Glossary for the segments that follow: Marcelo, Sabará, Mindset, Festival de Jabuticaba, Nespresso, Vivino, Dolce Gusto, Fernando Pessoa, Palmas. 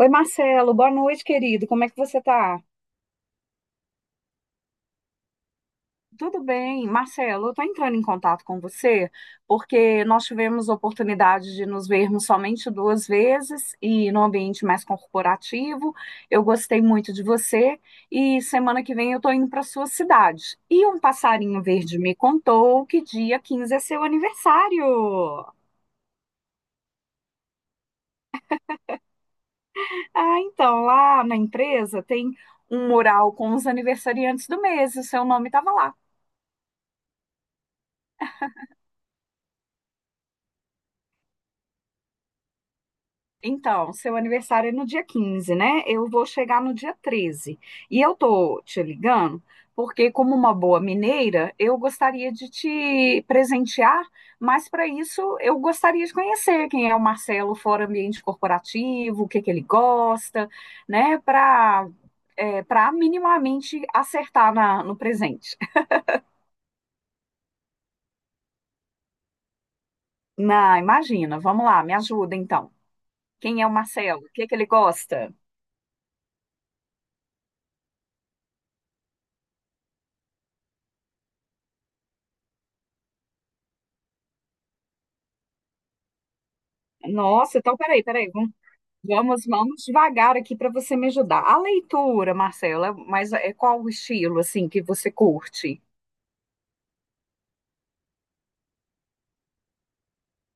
Oi, Marcelo, boa noite, querido. Como é que você tá? Tudo bem, Marcelo, eu tô entrando em contato com você porque nós tivemos a oportunidade de nos vermos somente duas vezes e no ambiente mais corporativo. Eu gostei muito de você e semana que vem eu estou indo para sua cidade. E um passarinho verde me contou que dia 15 é seu aniversário. Ah, então, lá na empresa tem um mural com os aniversariantes do mês, e o seu nome estava lá. Então, seu aniversário é no dia 15, né? Eu vou chegar no dia 13. E eu tô te ligando porque, como uma boa mineira, eu gostaria de te presentear, mas para isso eu gostaria de conhecer quem é o Marcelo fora ambiente corporativo, o que que ele gosta, né? Para minimamente acertar no presente. Na, imagina, vamos lá, me ajuda então. Quem é o Marcelo? O que que ele gosta? Nossa, então peraí, peraí, vamos, vamos devagar aqui para você me ajudar. A leitura, Marcela, mas é qual o estilo assim que você curte?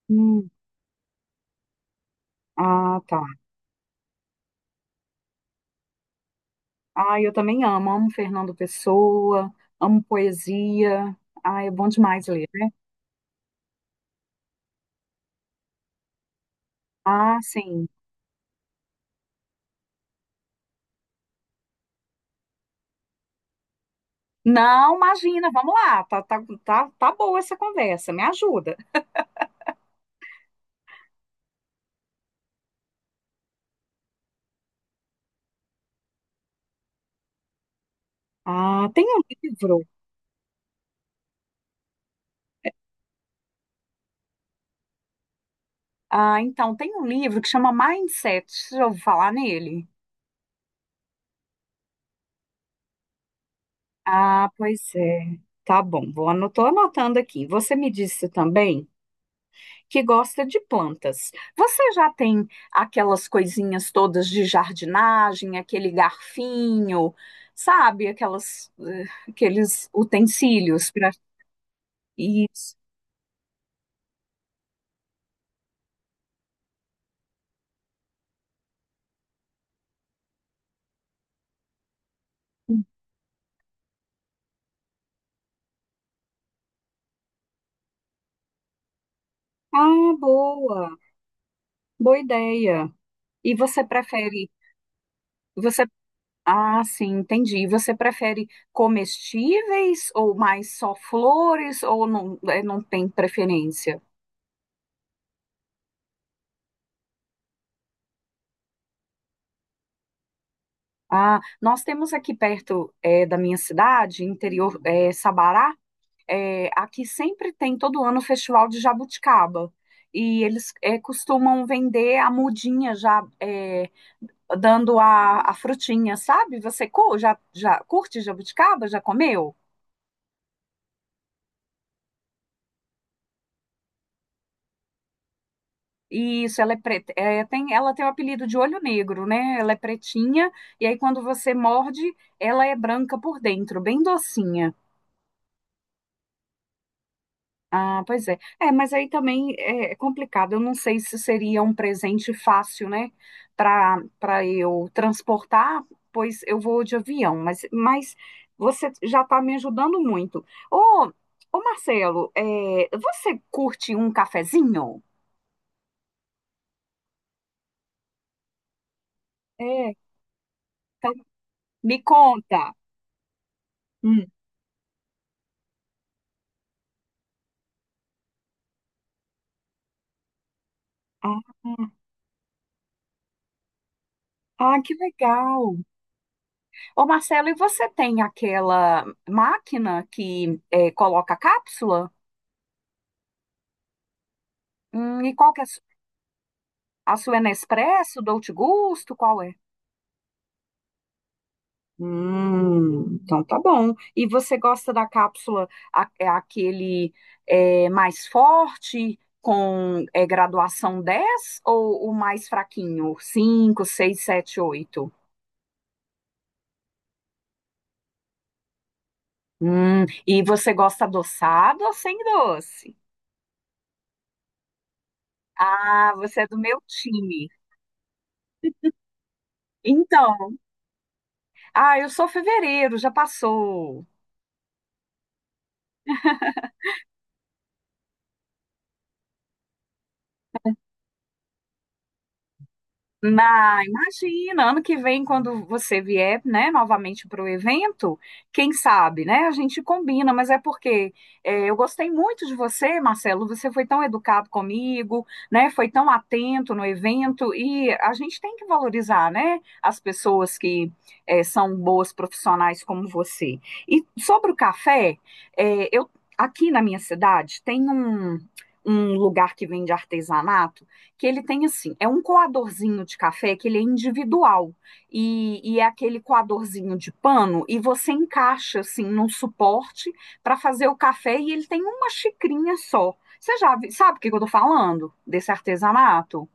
Hum, ah, tá. Ah, eu também amo, amo Fernando Pessoa, amo poesia. Ah, é bom demais ler, né? Ah, sim. Não, imagina, vamos lá, tá, tá, tá, tá boa essa conversa, me ajuda. Ah, tem um livro. Ah, então, tem um livro que chama Mindset, já ouviu falar nele? Ah, pois é. Tá bom, vou anotar, anotando aqui. Você me disse também que gosta de plantas. Você já tem aquelas coisinhas todas de jardinagem, aquele garfinho, sabe? Aquelas, aqueles utensílios para isso. Ah, boa, boa ideia. E você prefere, você, ah, sim, entendi. E você prefere comestíveis ou mais só flores ou não, não tem preferência? Ah, nós temos aqui perto da minha cidade, interior Sabará, aqui sempre tem todo ano o Festival de Jabuticaba. E eles costumam vender a mudinha já dando a frutinha, sabe? Você já curte jabuticaba? Já comeu? Isso, ela é preta, ela tem o apelido de olho negro, né? Ela é pretinha, e aí quando você morde, ela é branca por dentro, bem docinha. Ah, pois é. É, mas aí também é complicado. Eu não sei se seria um presente fácil, né, para eu transportar, pois eu vou de avião. Mas você já está me ajudando muito. Ô, ô Marcelo, você curte um cafezinho? É, então me conta. Hum. Ah, ah, que legal. Ô Marcelo, e você tem aquela máquina que coloca cápsula? E qual que é A sua é Nespresso, Dolce Gusto, qual é? Então tá bom. E você gosta da cápsula, é aquele, mais forte, com graduação 10 ou o mais fraquinho? 5, 6, 7, 8? E você gosta adoçado ou sem doce? Ah, você é do meu time. Então, eu sou fevereiro, já passou. Na, imagina, ano que vem, quando você vier, né, novamente para o evento, quem sabe, né? A gente combina, mas é porque eu gostei muito de você, Marcelo. Você foi tão educado comigo, né? Foi tão atento no evento e a gente tem que valorizar, né? As pessoas que são boas profissionais como você. E sobre o café, eu aqui na minha cidade tem um lugar que vende artesanato que ele tem assim, é um coadorzinho de café que ele é individual e é aquele coadorzinho de pano e você encaixa assim num suporte para fazer o café e ele tem uma xicrinha só. Sabe o que que eu tô falando desse artesanato?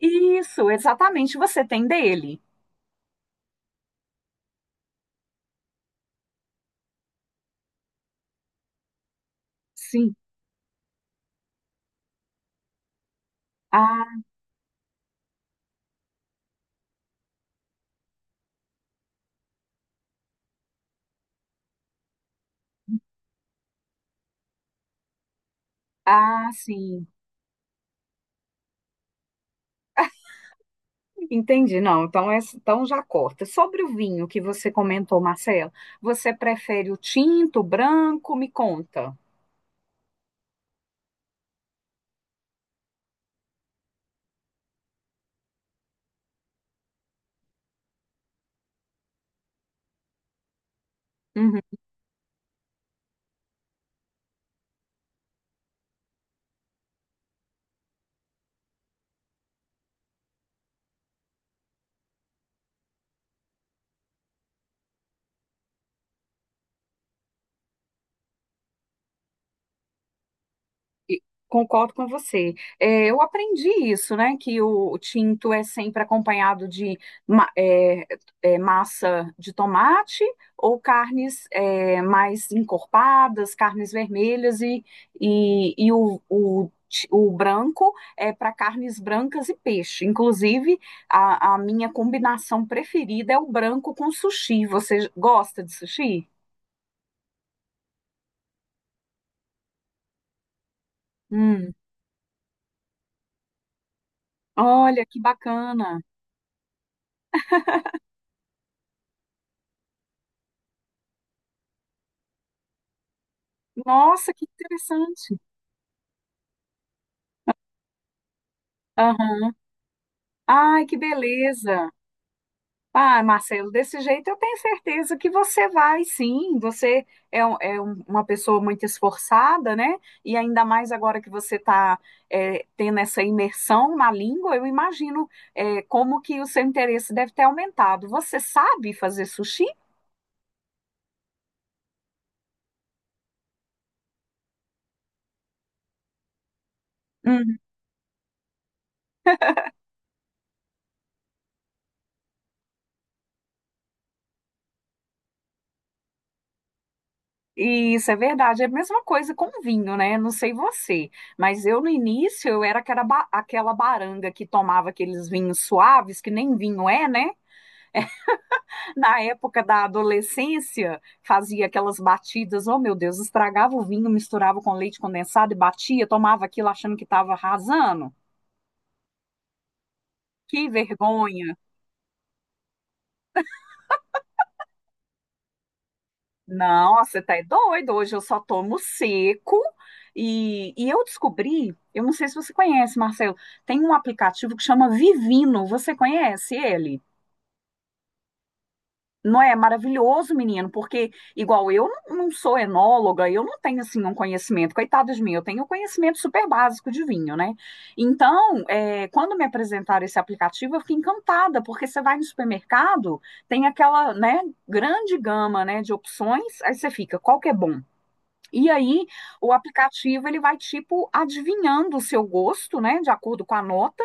Isso, exatamente, você tem dele. Sim. Ah, ah, sim. Entendi. Não, então já corta. Sobre o vinho que você comentou, Marcelo, você prefere o tinto, o branco? Me conta. Uhum. E concordo com você. É, eu aprendi isso, né? Que o tinto é sempre acompanhado de ma- é, massa de tomate ou carnes mais encorpadas, carnes vermelhas e o o branco é para carnes brancas e peixe. Inclusive, a minha combinação preferida é o branco com sushi. Você gosta de sushi? Hum, olha que bacana! Nossa, que interessante! Aham. Ai, que beleza! Ah, Marcelo, desse jeito eu tenho certeza que você vai, sim. Você é uma pessoa muito esforçada, né? E ainda mais agora que você está tendo essa imersão na língua, eu imagino como que o seu interesse deve ter aumentado. Você sabe fazer sushi? Uhum. Isso é verdade, é a mesma coisa com vinho, né? Não sei você, mas eu no início eu era aquela baranga que tomava aqueles vinhos suaves, que nem vinho é, né? Na época da adolescência, fazia aquelas batidas, oh meu Deus, estragava o vinho, misturava com leite condensado e batia, tomava aquilo achando que estava arrasando. Que vergonha. Não, você tá é doido. Hoje eu só tomo seco. E eu descobri, eu não sei se você conhece, Marcelo, tem um aplicativo que chama Vivino. Você conhece ele? Não é maravilhoso, menino, porque igual eu não sou enóloga, eu não tenho assim um conhecimento, coitado de mim, eu tenho um conhecimento super básico de vinho, né? Então, quando me apresentaram esse aplicativo, eu fiquei encantada, porque você vai no supermercado, tem aquela, né, grande gama, né, de opções, aí você fica, qual que é bom? E aí, o aplicativo ele vai tipo adivinhando o seu gosto, né, de acordo com a nota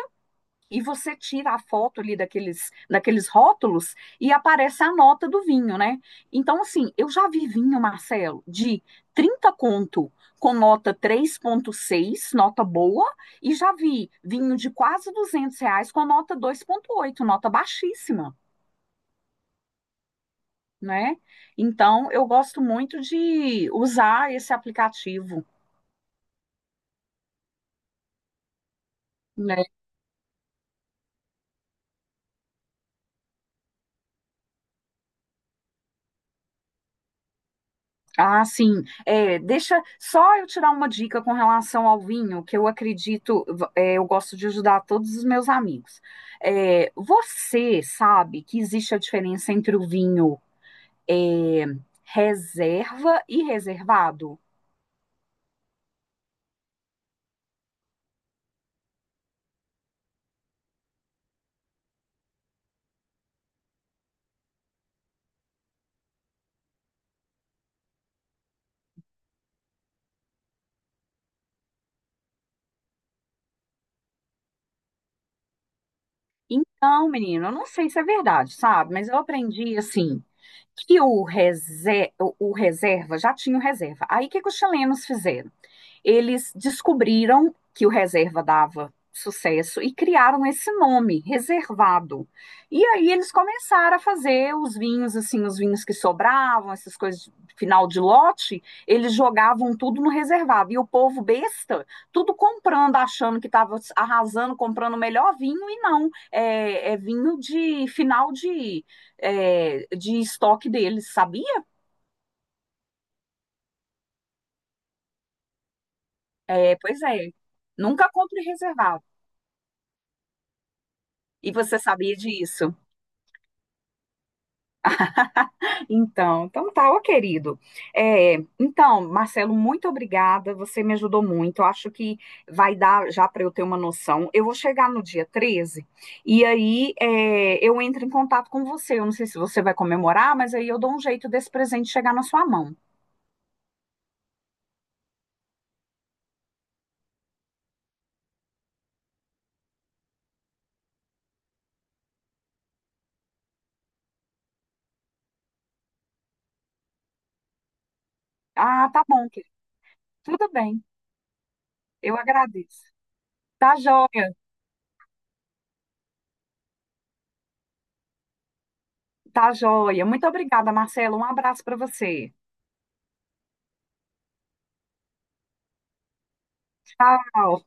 e você tira a foto ali daqueles rótulos e aparece a nota do vinho, né? Então, assim, eu já vi vinho, Marcelo, de 30 conto com nota 3,6, nota boa, e já vi vinho de quase R$ 200 com nota 2,8, nota baixíssima, né? Então, eu gosto muito de usar esse aplicativo, né? Ah, sim. É, deixa só eu tirar uma dica com relação ao vinho, que eu acredito, eu gosto de ajudar todos os meus amigos. É, você sabe que existe a diferença entre o vinho é, reserva e reservado? Então, menino, eu não sei se é verdade, sabe? Mas eu aprendi assim que o reserva já tinha o reserva. Aí o que que os chilenos fizeram? Eles descobriram que o reserva dava sucesso e criaram esse nome, reservado. E aí eles começaram a fazer os vinhos, assim, os vinhos que sobravam, essas coisas de final de lote, eles jogavam tudo no reservado. E o povo besta, tudo comprando, achando que estava arrasando, comprando o melhor vinho, e não. É, é vinho de final de estoque deles, sabia? É, pois é. Nunca compre reservado. E você sabia disso? Então tá, ó, querido. É, então, Marcelo, muito obrigada. Você me ajudou muito. Eu acho que vai dar já para eu ter uma noção. Eu vou chegar no dia 13 e aí eu entro em contato com você. Eu não sei se você vai comemorar, mas aí eu dou um jeito desse presente chegar na sua mão. Ah, tá bom, querido. Tudo bem. Eu agradeço. Tá joia, tá joia. Muito obrigada, Marcelo. Um abraço para você. Tchau.